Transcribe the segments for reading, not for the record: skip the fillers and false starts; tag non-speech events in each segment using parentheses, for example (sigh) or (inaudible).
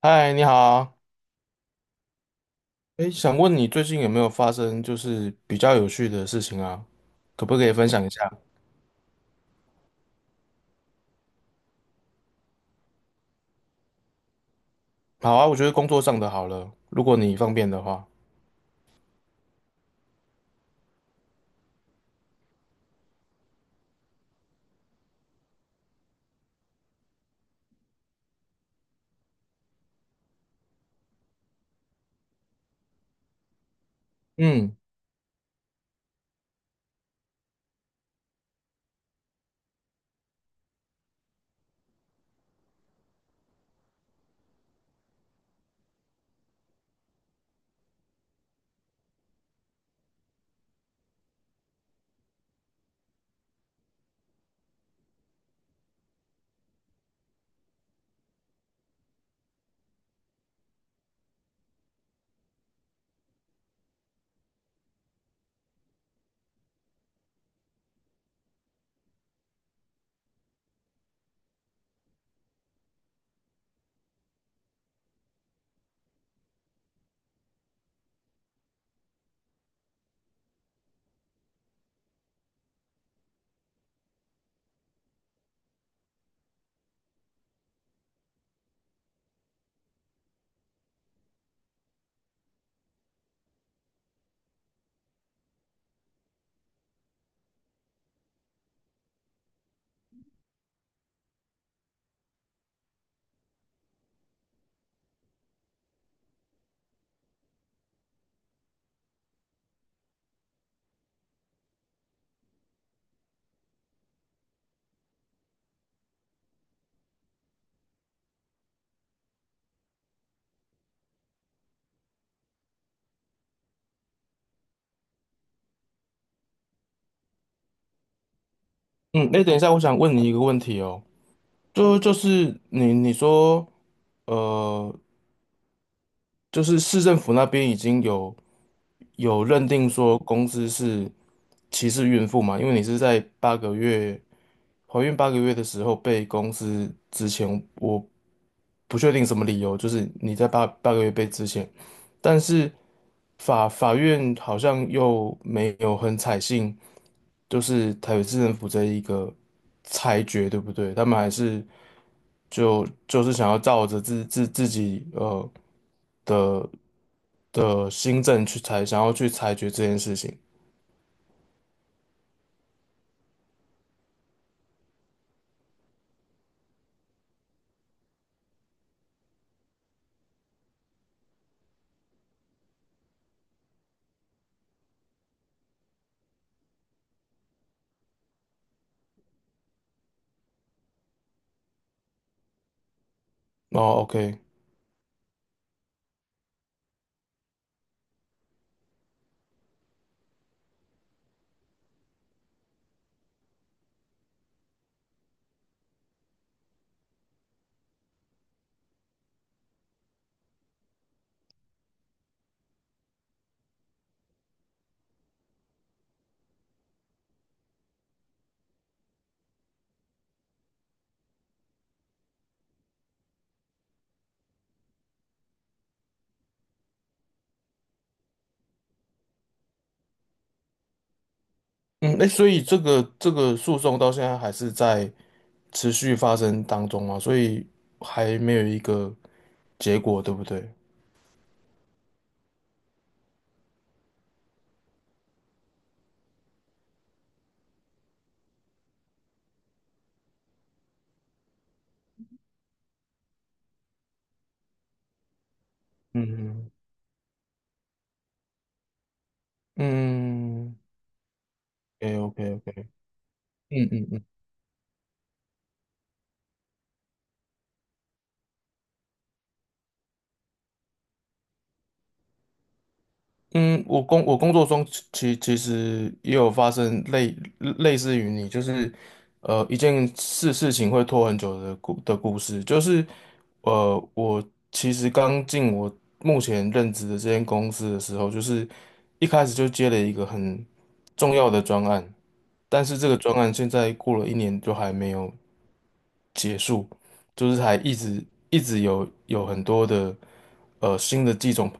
嗨，你好，哎，想问你最近有没有发生就是比较有趣的事情啊？可不可以分享一下？好啊，我觉得工作上的好了，如果你方便的话。嗯嗯，哎，等一下，我想问你一个问题哦，就是你说，呃，就是市政府那边已经有认定说公司是歧视孕妇嘛？因为你是在八个月。怀孕八个月的时候被公司之前，我不确定什么理由，就是你在八个月被之前，但是法院好像又没有很采信，就是台北市政府这一个裁决，对不对？他们还是就是想要照着自己的的新政去裁，想要去裁决这件事情。哦，OK，嗯，哎，所以这个诉讼到现在还是在，持续发生当中嘛，所以还没有一个结果，对不对？嗯嗯嗯 OK OK，嗯嗯嗯嗯，我工作中其实也有发生类似于你，就是一件事情会拖很久的故事，就是我其实刚进我目前任职的这间公司的时候，就是一开始就接了一个很重要的专案。但是这个专案现在过了一年就还没有结束，就是还一直有很多的新的机种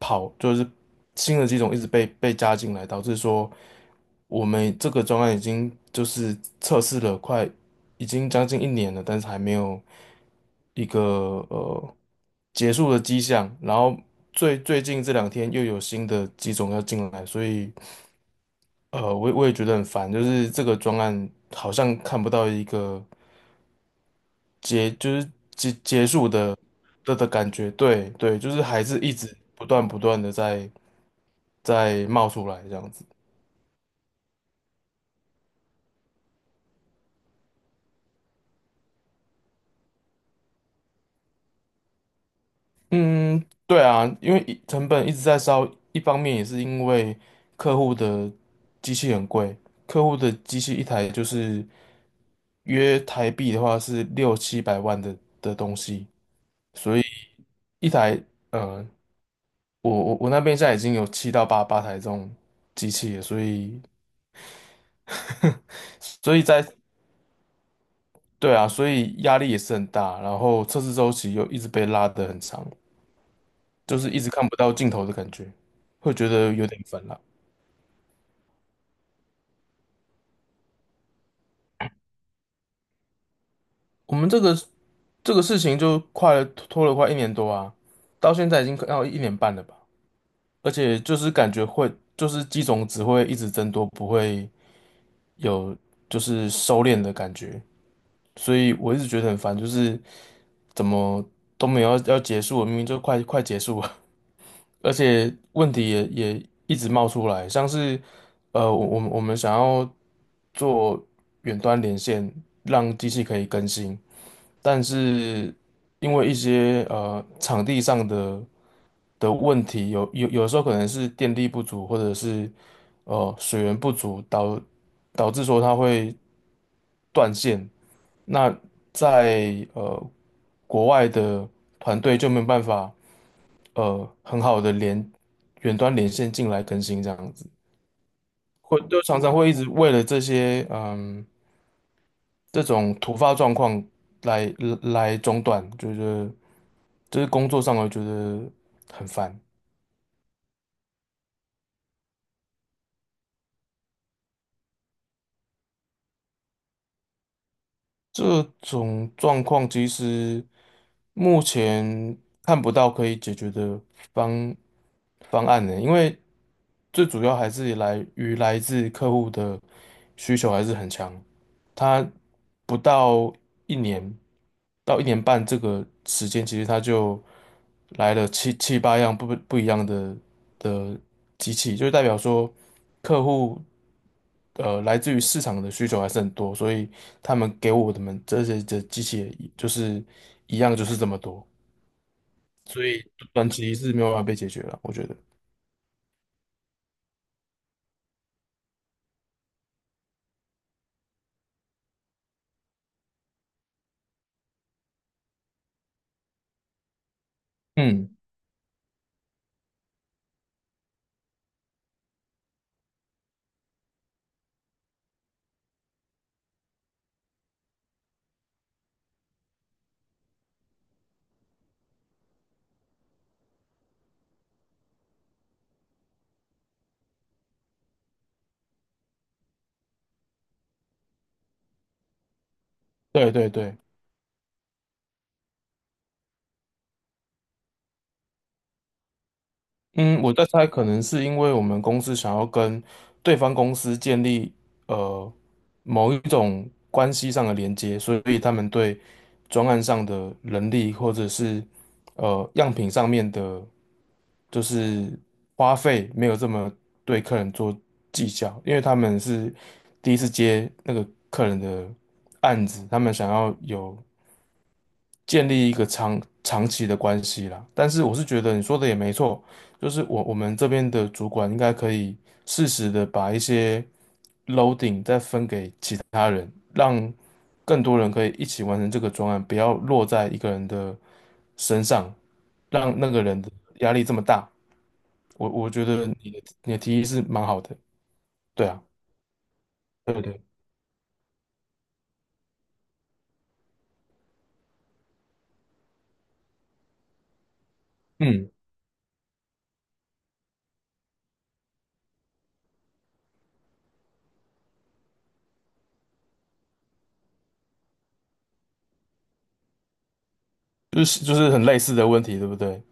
跑，就是新的机种一直被加进来，导致说我们这个专案已经就是测试了快已经将近一年了，但是还没有一个呃结束的迹象。然后最近这两天又有新的机种要进来，所以。我也觉得很烦，就是这个专案好像看不到一个就是结束的感觉，对对，就是还是一直不断的在冒出来这样子。嗯，对啊，因为成本一直在烧，一方面也是因为客户的机器很贵，客户的机器一台就是约台币的话是六七百万的东西，所以一台呃我那边现在已经有七到八台这种机器了，所以 (laughs) 所以在对啊，所以压力也是很大，然后测试周期又一直被拉得很长，就是一直看不到尽头的感觉，会觉得有点烦了。我们这个事情就快了拖了快一年多啊，到现在已经要一年半了吧，而且就是感觉会就是机种只会一直增多，不会有就是收敛的感觉，所以我一直觉得很烦，就是。怎么都没有要结束了明明就快结束了，(laughs) 而且问题也一直冒出来，像是我们想要做远端连线，让机器可以更新，但是因为一些场地上的问题，有时候可能是电力不足，或者是水源不足，导致说它会断线。那在国外的团队就没有办法很好的远端连线进来更新这样子，就常常会一直为了这些这种突发状况来来中断，觉得就是工作上我觉得很烦。这种状况其实目前看不到可以解决的方方案呢，因为最主要还是来自客户的需求还是很强。他不到一年到一年半这个时间，其实他就来了七八样不一样的机器，就代表说客户来自于市场的需求还是很多，所以他们给我的们这些的机器也就是一样就是这么多，所以短期是没有办法被解决了，我觉得。嗯，对对对。嗯，我在猜，可能是因为我们公司想要跟对方公司建立呃某一种关系上的连接，所以他们对专案上的人力或者是样品上面的，就是花费没有这么对客人做计较，因为他们是第一次接那个客人的案子，他们想要有建立一个长期的关系啦。但是我是觉得你说的也没错，就是我们这边的主管应该可以适时的把一些他人，让更多人可以一起完成这个专案，不要落在一个人的身上，让那个人的压力这么大。我觉得你的提议是蛮好的，对啊，对不对，嗯，就是很类似的问题，对不对？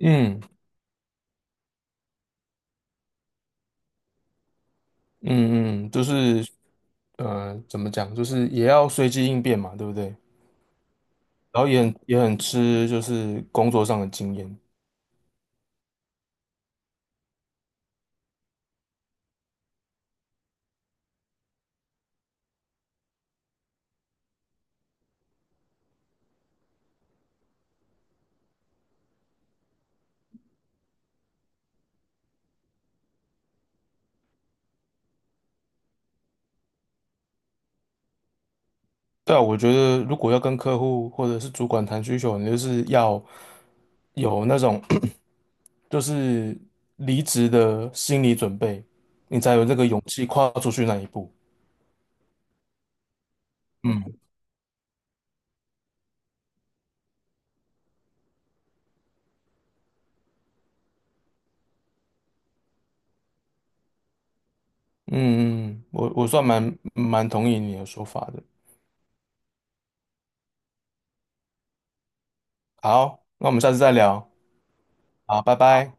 嗯。嗯嗯，就是怎么讲，就是也要随机应变嘛，对不对？然后也很吃就是工作上的经验。对啊，我觉得如果要跟客户或者是主管谈需求，你就是要有那种 (coughs) (clears throat) 就是离职的心理准备，你才有这个勇气跨出去那一步。嗯嗯嗯，我算蛮同意你的说法的。好，那我们下次再聊。好，拜拜。